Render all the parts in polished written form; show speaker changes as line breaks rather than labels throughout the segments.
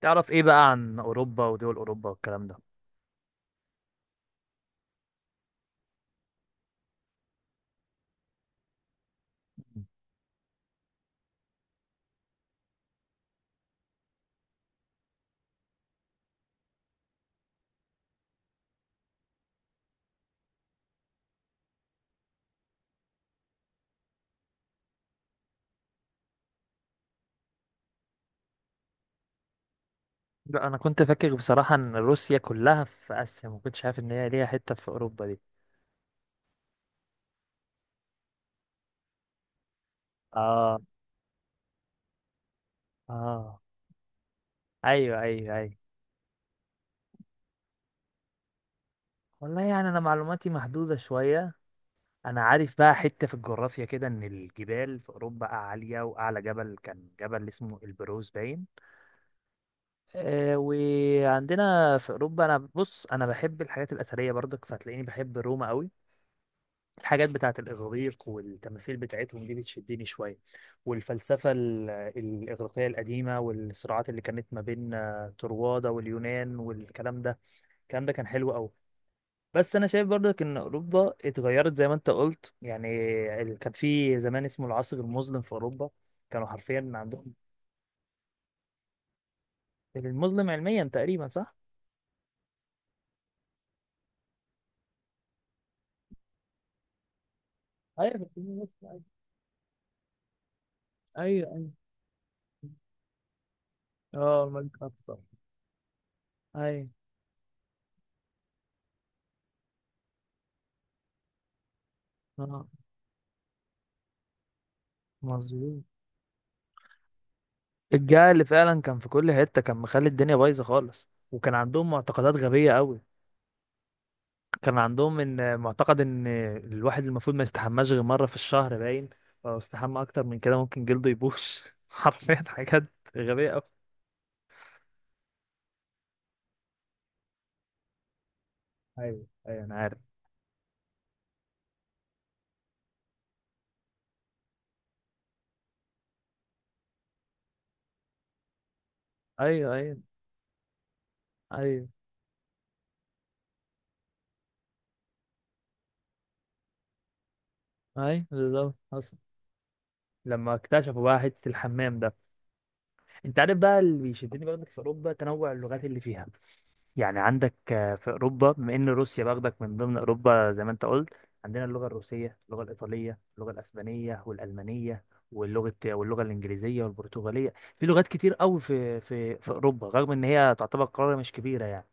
تعرف ايه بقى عن اوروبا ودول اوروبا والكلام ده؟ لا، انا كنت فاكر بصراحه ان روسيا كلها في اسيا، ما كنتش عارف ان هي ليها حته في اوروبا دي. اه، اه. ايوه، ايوه، ايوه. والله يعني انا معلوماتي محدوده شويه. انا عارف بقى حته في الجغرافيا كده ان الجبال في اوروبا عاليه، واعلى جبل كان جبل اسمه البروز باين. وعندنا في اوروبا، انا بص انا بحب الحاجات الاثريه برضك، فهتلاقيني بحب روما قوي. الحاجات بتاعة الإغريق والتماثيل بتاعتهم دي بتشدني شوية، والفلسفة الإغريقية القديمة والصراعات اللي كانت ما بين طروادة واليونان والكلام ده. الكلام ده كان حلو أوي، بس أنا شايف برضك إن أوروبا اتغيرت زي ما أنت قلت يعني. كان في زمان اسمه العصر المظلم في أوروبا، كانوا حرفيا عندهم. المظلم علميا تقريبا، صح؟ ايوه، ايوه، ايوه، أيوة. اه، الملك اكثر. أي. اه. مظلوم. الجهل اللي فعلا كان في كل حتة كان مخلي الدنيا بايظة خالص، وكان عندهم معتقدات غبية قوي. كان عندهم ان معتقد ان الواحد المفروض ما يستحماش غير مرة في الشهر باين. لو استحمى اكتر من كده ممكن جلده يبوظ. حرفيا حاجات غبية قوي. ايوه، ايوه، انا عارف. ايوه، ايوه. ايوه، ايوه، بالظبط حصل. لما اكتشفوا بقى حتة الحمام ده، انت عارف بقى اللي بيشدني برضك في اوروبا تنوع اللغات اللي فيها. يعني عندك، في اوروبا، بما ان روسيا باخدك من ضمن اوروبا زي ما انت قلت، عندنا اللغه الروسيه، اللغه الايطاليه، اللغه الاسبانيه والالمانيه، واللغه الانجليزيه والبرتغاليه. في لغات كتير قوي في اوروبا، رغم ان هي تعتبر قاره مش كبيره يعني،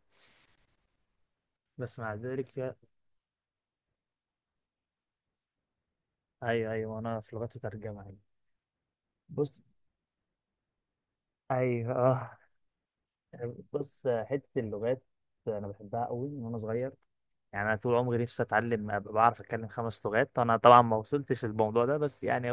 بس مع ذلك فيها. ايوه، ايوه، انا في لغات وترجمه يعني. بص. ايوه. آه. بص، حته اللغات انا بحبها قوي من وانا صغير. يعني انا طول عمري نفسي اتعلم، ابقى بعرف اتكلم 5 لغات. انا طبعا ما وصلتش للموضوع ده بس يعني.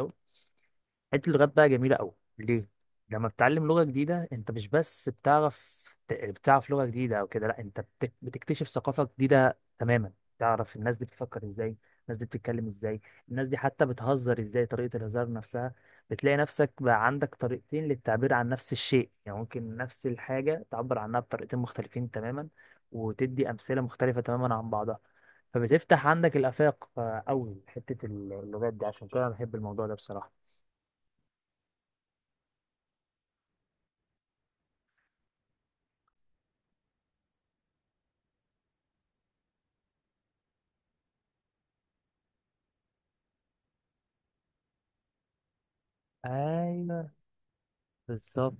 حته اللغات بقى جميله قوي ليه؟ لما بتتعلم لغه جديده، انت مش بس بتعرف، بتعرف لغه جديده او كده، لا، انت بتكتشف ثقافه جديده تماما. تعرف الناس دي بتفكر ازاي، الناس دي بتتكلم ازاي، الناس دي حتى بتهزر ازاي، طريقه الهزار نفسها. بتلاقي نفسك بقى عندك طريقتين للتعبير عن نفس الشيء، يعني ممكن نفس الحاجه تعبر عنها بطريقتين مختلفين تماما، وتدي امثله مختلفه تماما عن بعضها. فبتفتح عندك الآفاق أوي حتة اللغات دي، عشان كده أنا بحب الموضوع ده بصراحة. ايوه، بالظبط.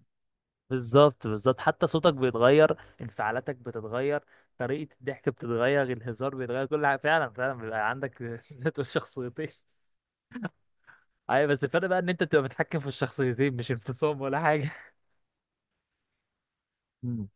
بالظبط، بالظبط، حتى صوتك بيتغير، انفعالاتك بتتغير، طريقة الضحك بتتغير، الهزار بيتغير، كل حاجة. فعلا فعلا بيبقى عندك شخصيتين. ايوه، بس الفرق بقى ان انت بتبقى متحكم في الشخصيتين، مش انفصام ولا حاجة. مم.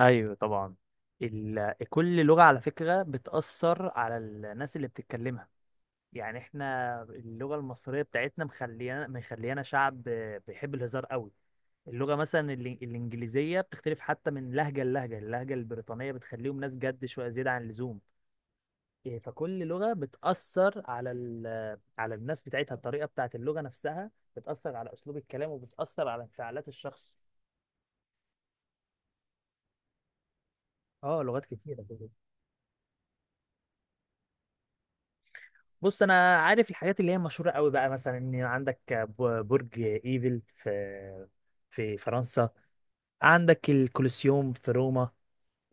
ايوه، طبعا. كل لغة على فكرة بتأثر على الناس اللي بتتكلمها. يعني احنا اللغة المصرية بتاعتنا مخليانا مخليانا شعب بيحب الهزار قوي. اللغة مثلا الإنجليزية بتختلف حتى من لهجة للهجة، اللهجة البريطانية بتخليهم ناس جد شوية زيادة عن اللزوم. إيه، فكل لغة بتأثر على على الناس بتاعتها، الطريقة بتاعت اللغة نفسها بتأثر على أسلوب الكلام، وبتأثر على انفعالات الشخص. اه، لغات كتيرة كده. بص، أنا عارف الحاجات اللي هي مشهورة قوي بقى، مثلا إن عندك برج إيفل في فرنسا، عندك الكولوسيوم في روما،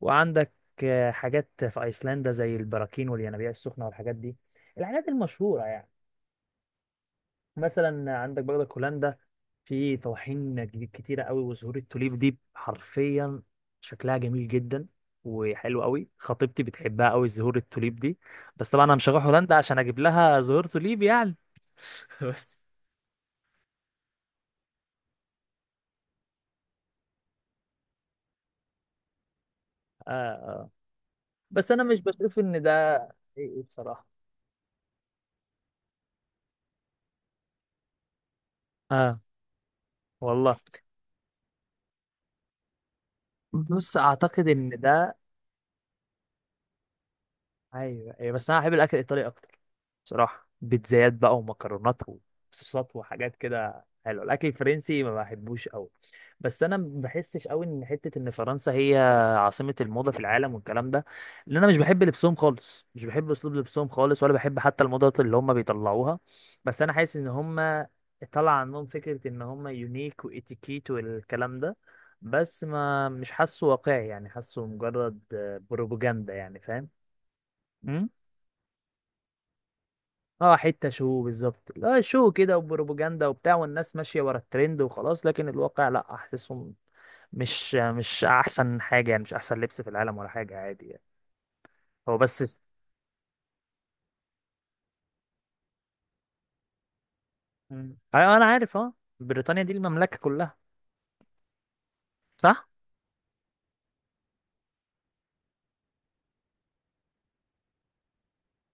وعندك، حاجات في ايسلندا زي البراكين والينابيع السخنه والحاجات دي، الحاجات المشهوره يعني. مثلا عندك برضك هولندا، في طواحين جديد كتيره قوي، وزهور التوليب دي حرفيا شكلها جميل جدا وحلو قوي. خطيبتي بتحبها قوي زهور التوليب دي، بس طبعا انا مش هروح هولندا عشان اجيب لها زهور توليب يعني. بس. آه، آه. بس انا مش بشوف ان ده. ايه، إيه، بصراحه. اه. والله. بص، اعتقد ان ده. ايوه، ايوه، بس انا بحب الاكل الايطالي اكتر بصراحه. بيتزايات بقى ومكرونات وصوصات وحاجات كده حلوه، الاكل الفرنسي ما بحبوش قوي. بس انا ما بحسش قوي ان حته ان فرنسا هي عاصمه الموضه في العالم والكلام ده، لان انا مش بحب لبسهم خالص، مش بحب اسلوب لبسهم خالص، ولا بحب حتى الموضه اللي هم بيطلعوها. بس انا حاسس ان هم طلع عنهم فكره ان هم يونيك واتيكيت والكلام ده، بس ما مش حاسه واقعي يعني، حاسه مجرد بروباجندا يعني، فاهم؟ اه، حتة شو بالظبط، لا، شو كده وبروباجندا وبتاع، والناس ماشية ورا الترند وخلاص، لكن الواقع لا، احسسهم مش احسن حاجة يعني، مش احسن لبس في العالم ولا حاجة، عادي يعني. هو بس س- مم. ايوه، انا عارف اه. بريطانيا دي المملكة كلها، صح؟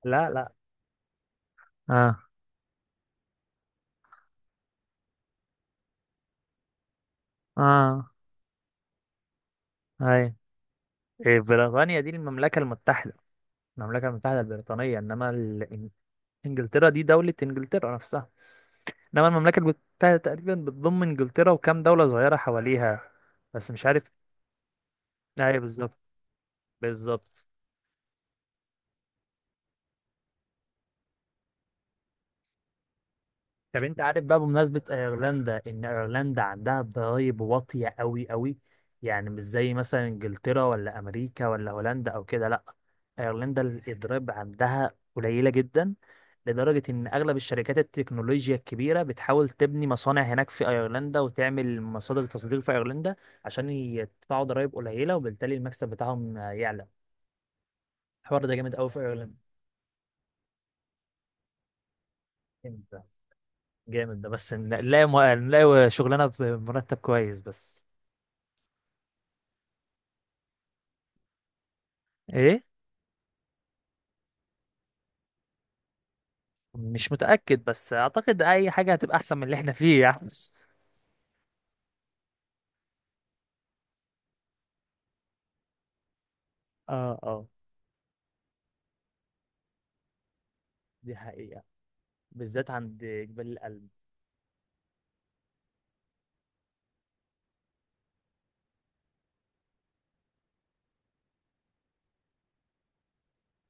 لا، لا. اه، اه. اي. إيه، بريطانيا دي المملكة المتحدة، المملكة المتحدة البريطانية، انما انجلترا دي دولة انجلترا نفسها، انما المملكة المتحدة تقريبا بتضم انجلترا وكام دولة صغيرة حواليها، بس مش عارف. ايوه، بالظبط. بالظبط. طب انت عارف بقى بمناسبة ايرلندا ان ايرلندا عندها ضرايب واطية قوي قوي، يعني مش زي مثلا انجلترا ولا امريكا ولا هولندا او كده، لا، ايرلندا الضرايب عندها قليلة جدا. لدرجة ان اغلب الشركات التكنولوجيا الكبيرة بتحاول تبني مصانع هناك في ايرلندا، وتعمل مصادر تصدير في ايرلندا، عشان يدفعوا ضرايب قليلة، وبالتالي المكسب بتاعهم يعلى. الحوار ده جامد قوي في ايرلندا، جامد ده، بس نلاقي نلاقي شغلانه بمرتب كويس بس. ايه؟ مش متاكد، بس اعتقد اي حاجه هتبقى احسن من اللي احنا فيه يعني. اه، اه، دي حقيقه، بالذات عند جبال القلب.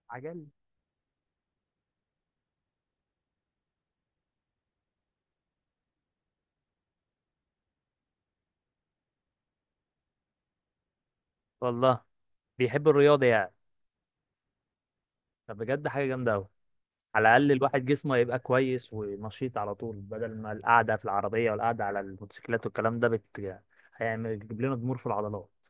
عجل. والله. بيحب الرياضه يعني، فبجد حاجه جامده قوي. على الاقل الواحد جسمه يبقى كويس ونشيط على طول، بدل ما القعده في العربيه والقعده على الموتوسيكلات والكلام ده هيعمل يعني، بيجيب لنا ضمور في العضلات.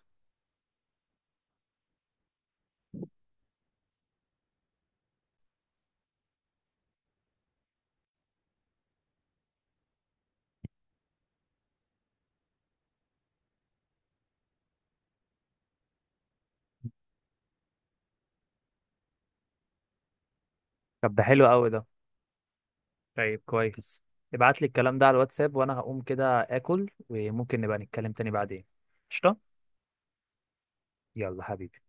طب ده حلو قوي ده. طيب كويس، ابعت لي الكلام ده على الواتساب، وانا هقوم كده اكل، وممكن نبقى نتكلم تاني بعدين. قشطة. يلا حبيبي.